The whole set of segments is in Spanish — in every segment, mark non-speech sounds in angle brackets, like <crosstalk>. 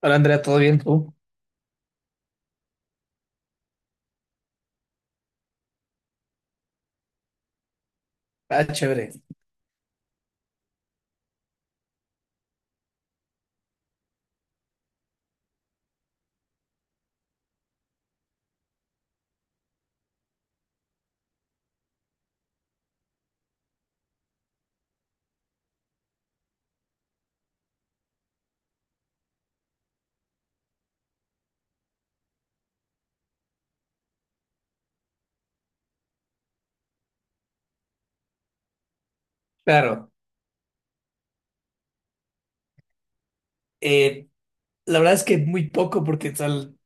Hola Andrea, ¿todo bien tú? Ah, chévere. Claro. Eh, la verdad es que muy poco porque tal,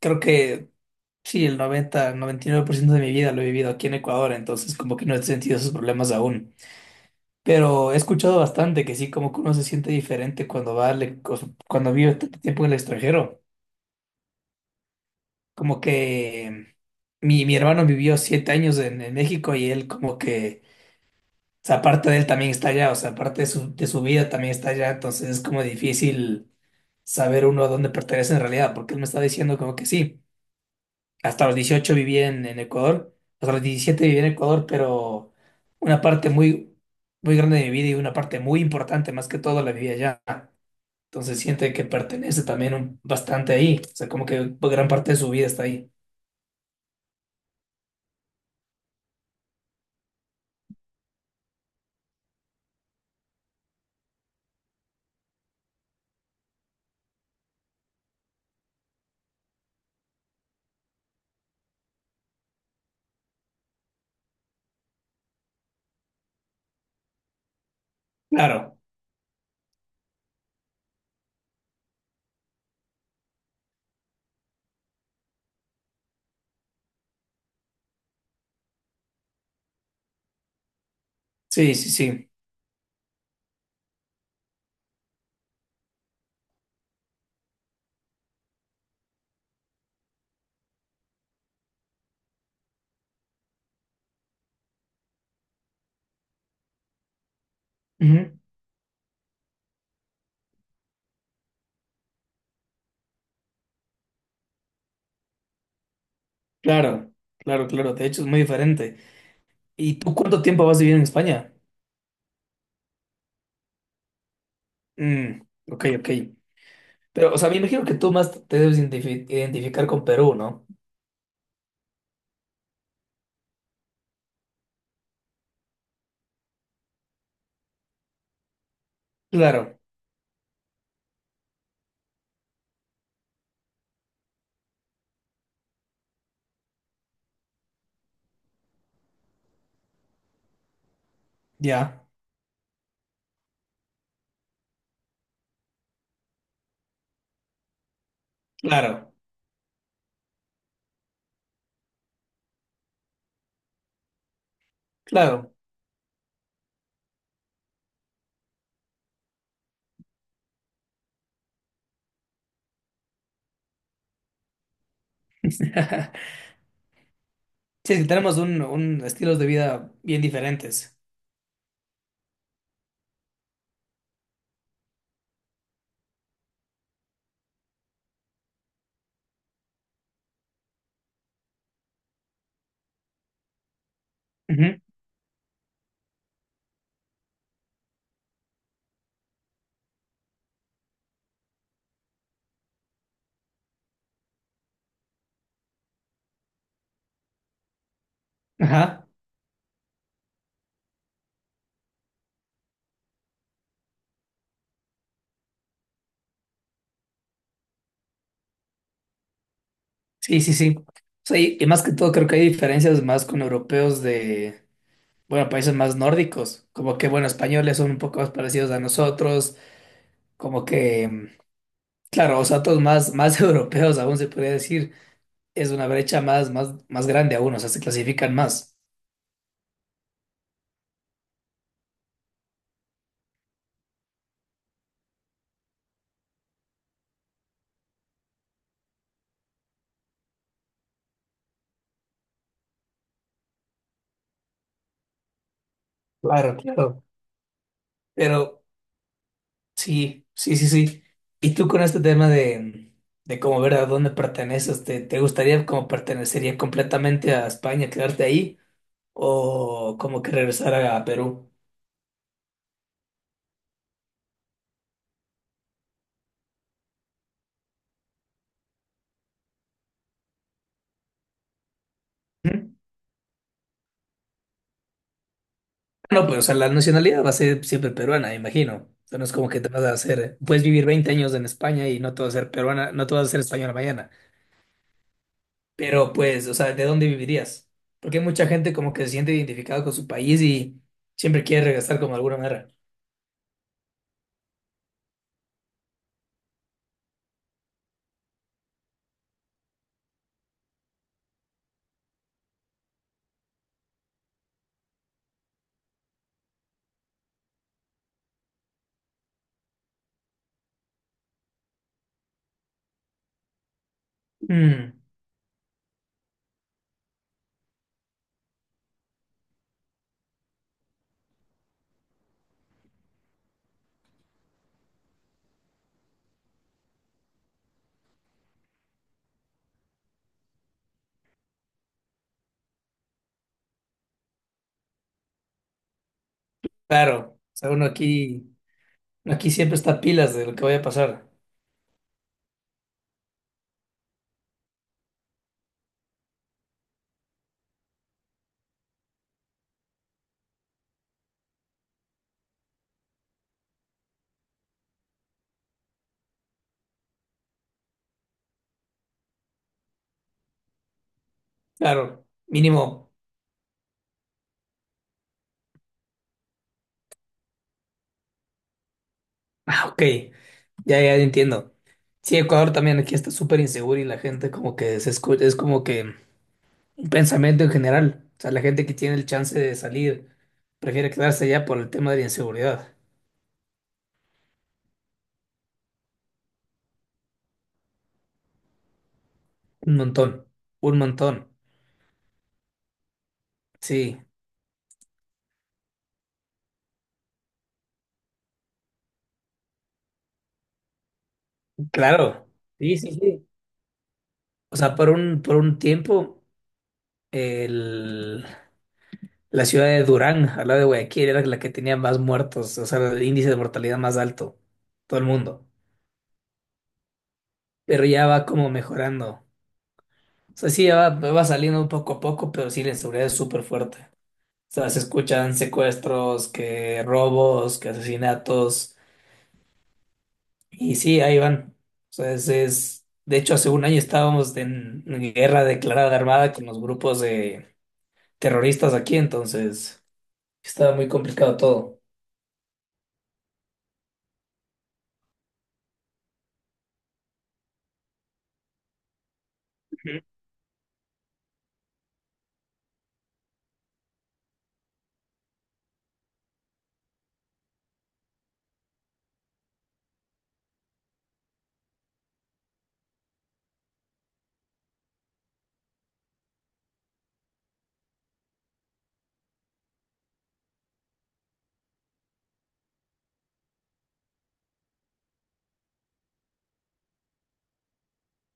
creo que sí, el 99% de mi vida lo he vivido aquí en Ecuador, entonces como que no he sentido esos problemas aún. Pero he escuchado bastante que sí, como que uno se siente diferente cuando va o sea, cuando vive tanto tiempo en el extranjero. Como que mi hermano vivió 7 años en México y él como que, o sea, parte de él también está allá, o sea, parte de su vida también está allá, entonces es como difícil saber uno a dónde pertenece en realidad, porque él me está diciendo como que sí, hasta los 18 viví en Ecuador, hasta los 17 viví en Ecuador, pero una parte muy, muy grande de mi vida y una parte muy importante más que todo la viví allá. Entonces siente que pertenece también bastante ahí, o sea, como que gran parte de su vida está ahí. Claro, sí, sí, sí. Ujú. Claro, claro, claro, de hecho es muy diferente. ¿Y tú cuánto tiempo vas a vivir en España? Mm, ok, ok. Pero, o sea, me imagino que tú más te debes identificar con Perú, ¿no? Claro, ya, claro, claro. <laughs> Sí, es que tenemos un estilos de vida bien diferentes. Ujú. Ajá, sí, sí, sí. O sea, y más que todo creo que hay diferencias más con europeos bueno, países más nórdicos, como que, bueno, españoles son un poco más parecidos a nosotros, como que, claro, o sea, todos más, más <laughs> europeos aún se podría decir, es una brecha más, más, más grande aún, o sea, se clasifican más. Claro, claro. Pero sí, sí, sí, sí. ¿Y tú con este tema de cómo ver a dónde perteneces, te gustaría como pertenecería completamente a España, quedarte ahí o como que regresar a Perú? Ujú. No, pues o sea, la nacionalidad va a ser siempre peruana, me imagino. O sea, no es como que te vas a hacer, puedes vivir 20 años en España y no te vas a ser peruana, no te vas a ser española mañana. Pero pues, o sea, ¿de dónde vivirías? Porque hay mucha gente como que se siente identificada con su país y siempre quiere regresar como de alguna manera. Mm. Claro, o sea, uno aquí siempre está pilas de lo que vaya a pasar. Claro, mínimo. <laughs> Ah, ok, ya, ya entiendo. Sí, Ecuador también aquí está súper inseguro y la gente como que se escucha, es como que un pensamiento en general. O sea, la gente que tiene el chance de salir prefiere quedarse allá por el tema de la inseguridad. Un montón, un montón. Sí, claro. Sí, sí, sí. O sea, por un tiempo, el la ciudad de Durán, al lado de Guayaquil, era la que tenía más muertos, o sea, el índice de mortalidad más alto, todo el mundo. Pero ya va como mejorando. O sea, sí, ya va, va saliendo poco a poco, pero sí, la inseguridad es súper fuerte. O sea, se escuchan secuestros, que robos, que asesinatos, y sí, ahí van. O sea, es. De hecho, hace un año estábamos en guerra declarada armada con los grupos de terroristas aquí, entonces estaba muy complicado todo.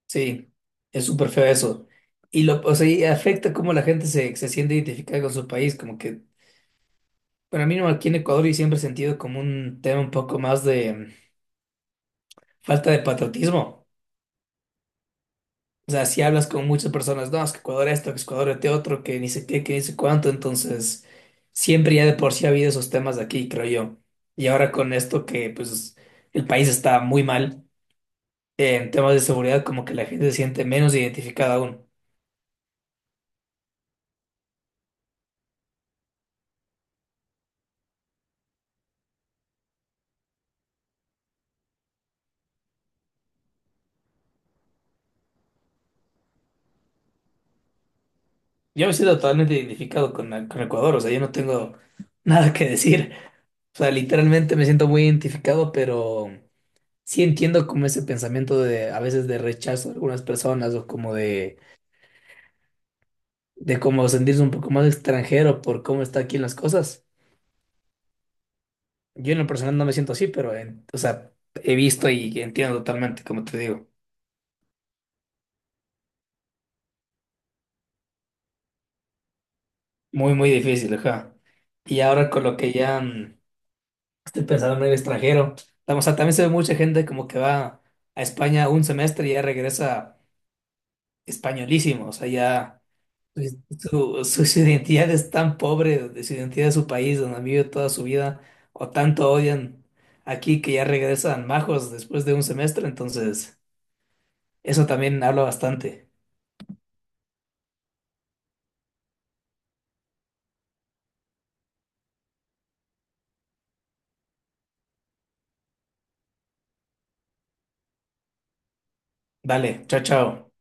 Sí, es súper feo eso. Y lo, o sea, y afecta cómo la gente se siente identificada con su país, como que para mí no aquí en Ecuador y siempre he sentido como un tema un poco más de falta de patriotismo. O sea, si hablas con muchas personas, no, es que Ecuador esto, que Ecuador este otro, que ni sé qué, que ni sé cuánto, entonces siempre ya de por sí ha habido esos temas de aquí, creo yo. Y ahora con esto que pues el país está muy mal en temas de seguridad, como que la gente se siente menos identificada aún. Yo me siento totalmente identificado con, con Ecuador, o sea, yo no tengo nada que decir. O sea, literalmente me siento muy identificado, pero sí entiendo como ese pensamiento de a veces de rechazo a algunas personas o como de como sentirse un poco más extranjero por cómo está aquí en las cosas. Yo en lo personal no me siento así, pero o sea, he visto y entiendo totalmente, como te digo. Muy, muy difícil, ajá. Y ahora con lo que ya estoy pensando en el extranjero. O sea, también se ve mucha gente como que va a España un semestre y ya regresa españolísimo. O sea, ya pues, su identidad es tan pobre, de su identidad de su país donde han vivido toda su vida, o tanto odian aquí que ya regresan majos después de un semestre. Entonces, eso también habla bastante. Vale, chao, chao.